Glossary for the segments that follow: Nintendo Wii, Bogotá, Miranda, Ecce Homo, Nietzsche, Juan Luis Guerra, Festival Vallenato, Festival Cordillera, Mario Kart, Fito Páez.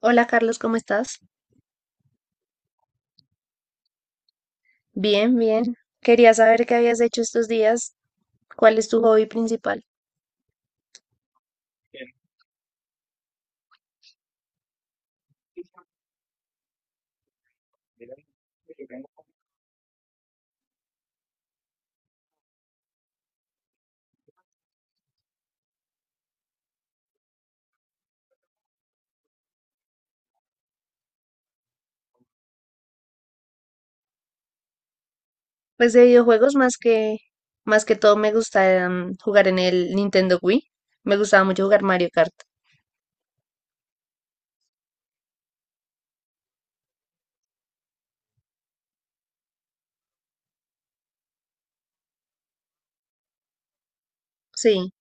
Hola Carlos, ¿cómo estás? Bien, bien. Quería saber qué habías hecho estos días, cuál es tu hobby principal. Pues de videojuegos más que todo me gusta jugar en el Nintendo Wii. Me gustaba mucho jugar Mario Kart. Sí,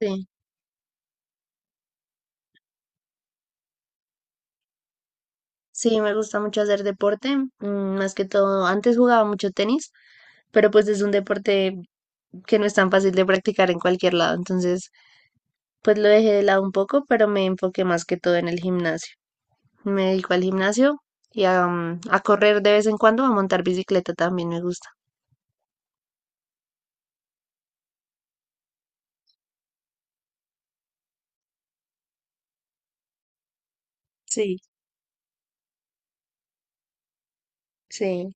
sí. Sí, me gusta mucho hacer deporte, más que todo. Antes jugaba mucho tenis, pero pues es un deporte que no es tan fácil de practicar en cualquier lado. Entonces, pues lo dejé de lado un poco, pero me enfoqué más que todo en el gimnasio. Me dedico al gimnasio y a, a correr de vez en cuando, a montar bicicleta también me gusta. Sí. Sí.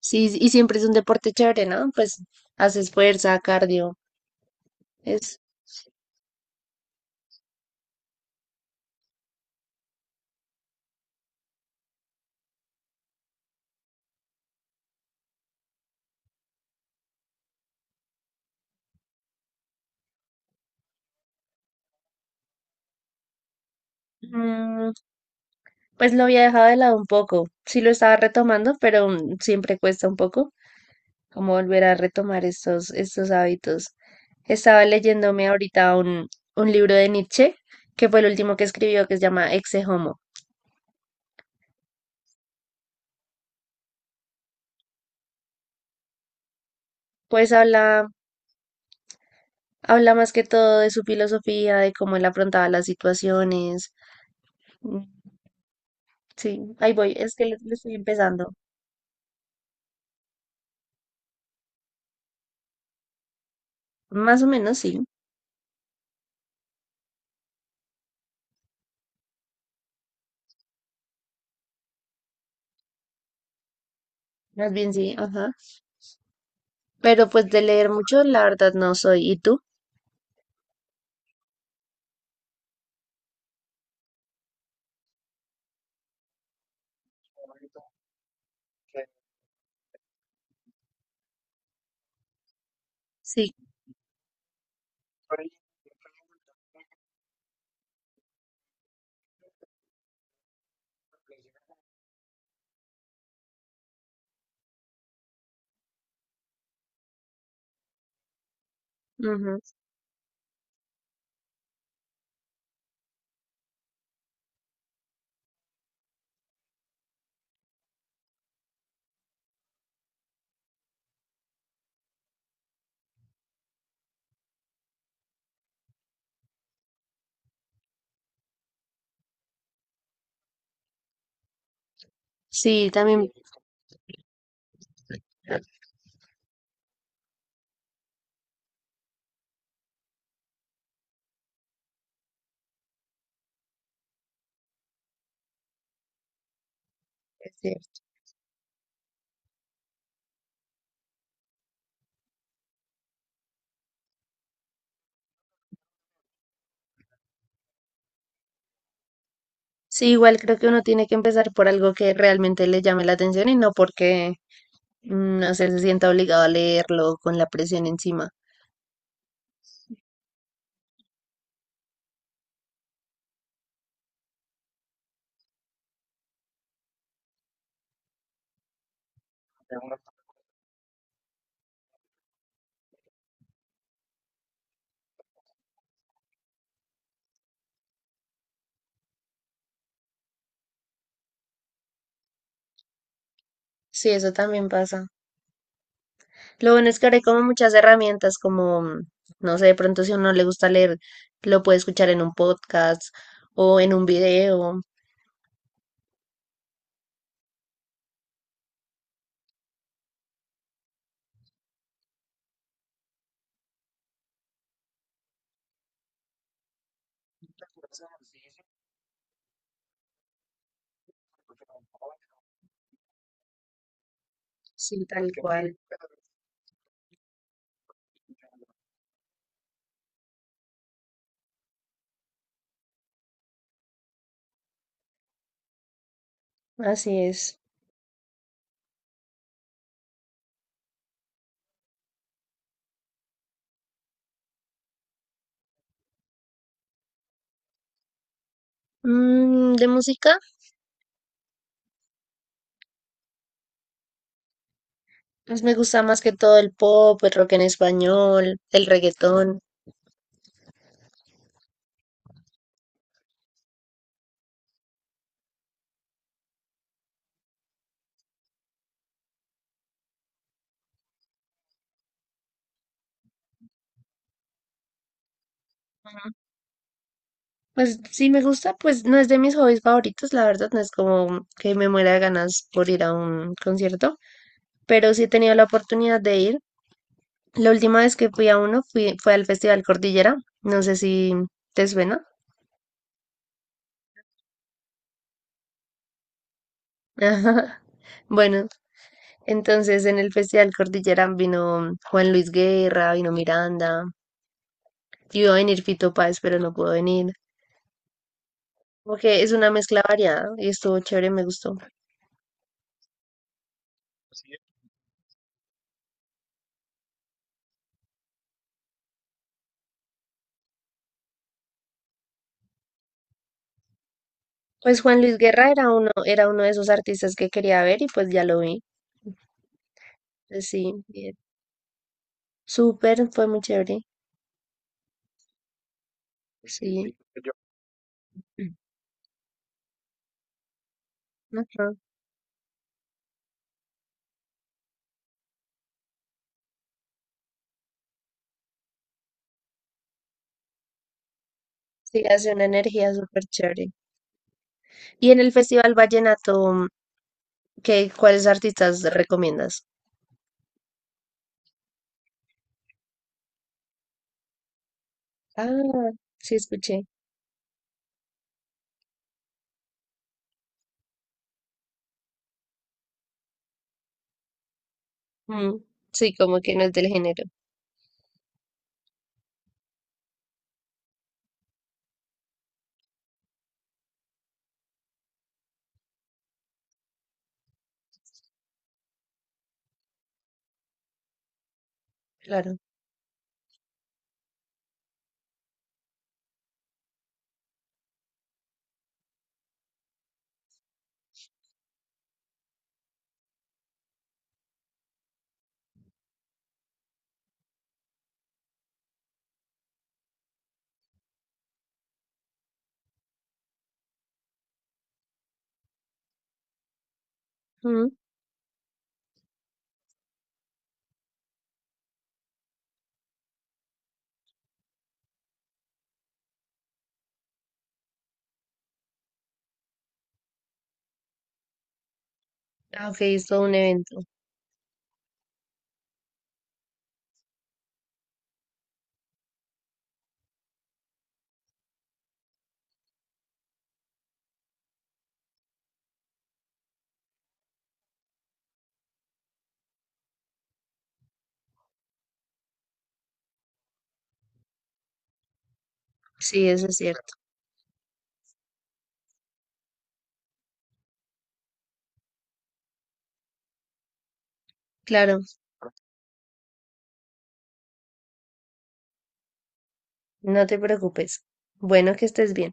Sí, y siempre es un deporte chévere, ¿no? Pues haces fuerza, cardio. Es, mm, pues lo había dejado de lado un poco. Sí lo estaba retomando, pero siempre cuesta un poco como volver a retomar estos hábitos. Estaba leyéndome ahorita Un libro de Nietzsche, que fue el último que escribió, que se llama Exe Homo. Pues habla Habla más que todo de su filosofía, de cómo él afrontaba las situaciones. Mm. Sí, ahí voy, es que le estoy empezando. Más o menos sí, más bien sí, ajá. Pero pues de leer mucho, la verdad no soy. ¿Y tú? Sí, ujú. Sí, también. Es cierto. Sí, igual creo que uno tiene que empezar por algo que realmente le llame la atención y no porque no sé, se sienta obligado a leerlo con la presión encima. Sí, eso también pasa. Lo bueno es que ahora hay como muchas herramientas, como, no sé, de pronto si a uno le gusta leer, lo puede escuchar en un podcast o en un video. Sí, tal cual. Así es. De música, pues me gusta más que todo el pop, el rock en español, el reggaetón. Ujú. Pues sí me gusta, pues no es de mis hobbies favoritos, la verdad, no es como que me muera de ganas por ir a un concierto, pero sí he tenido la oportunidad de ir. La última vez que fui a uno fue al Festival Cordillera. No sé si te suena. Ajá. Bueno, entonces en el Festival Cordillera vino Juan Luis Guerra, vino Miranda. Iba a venir Fito Páez, pero no pudo venir. Porque es una mezcla variada y estuvo chévere, me gustó. Pues Juan Luis Guerra era uno de esos artistas que quería ver y pues ya lo vi. Pues sí, bien. Súper, fue muy chévere. Sí. Ujú. Sí, hace una energía súper chévere. Y en el Festival Vallenato, ¿qué, cuáles artistas recomiendas? Ah, sí, escuché. Mm, sí, como que no es del género, claro. Mm, ah, ok, es todo un evento. Sí, eso es cierto. Claro, no te preocupes. Bueno, que estés bien.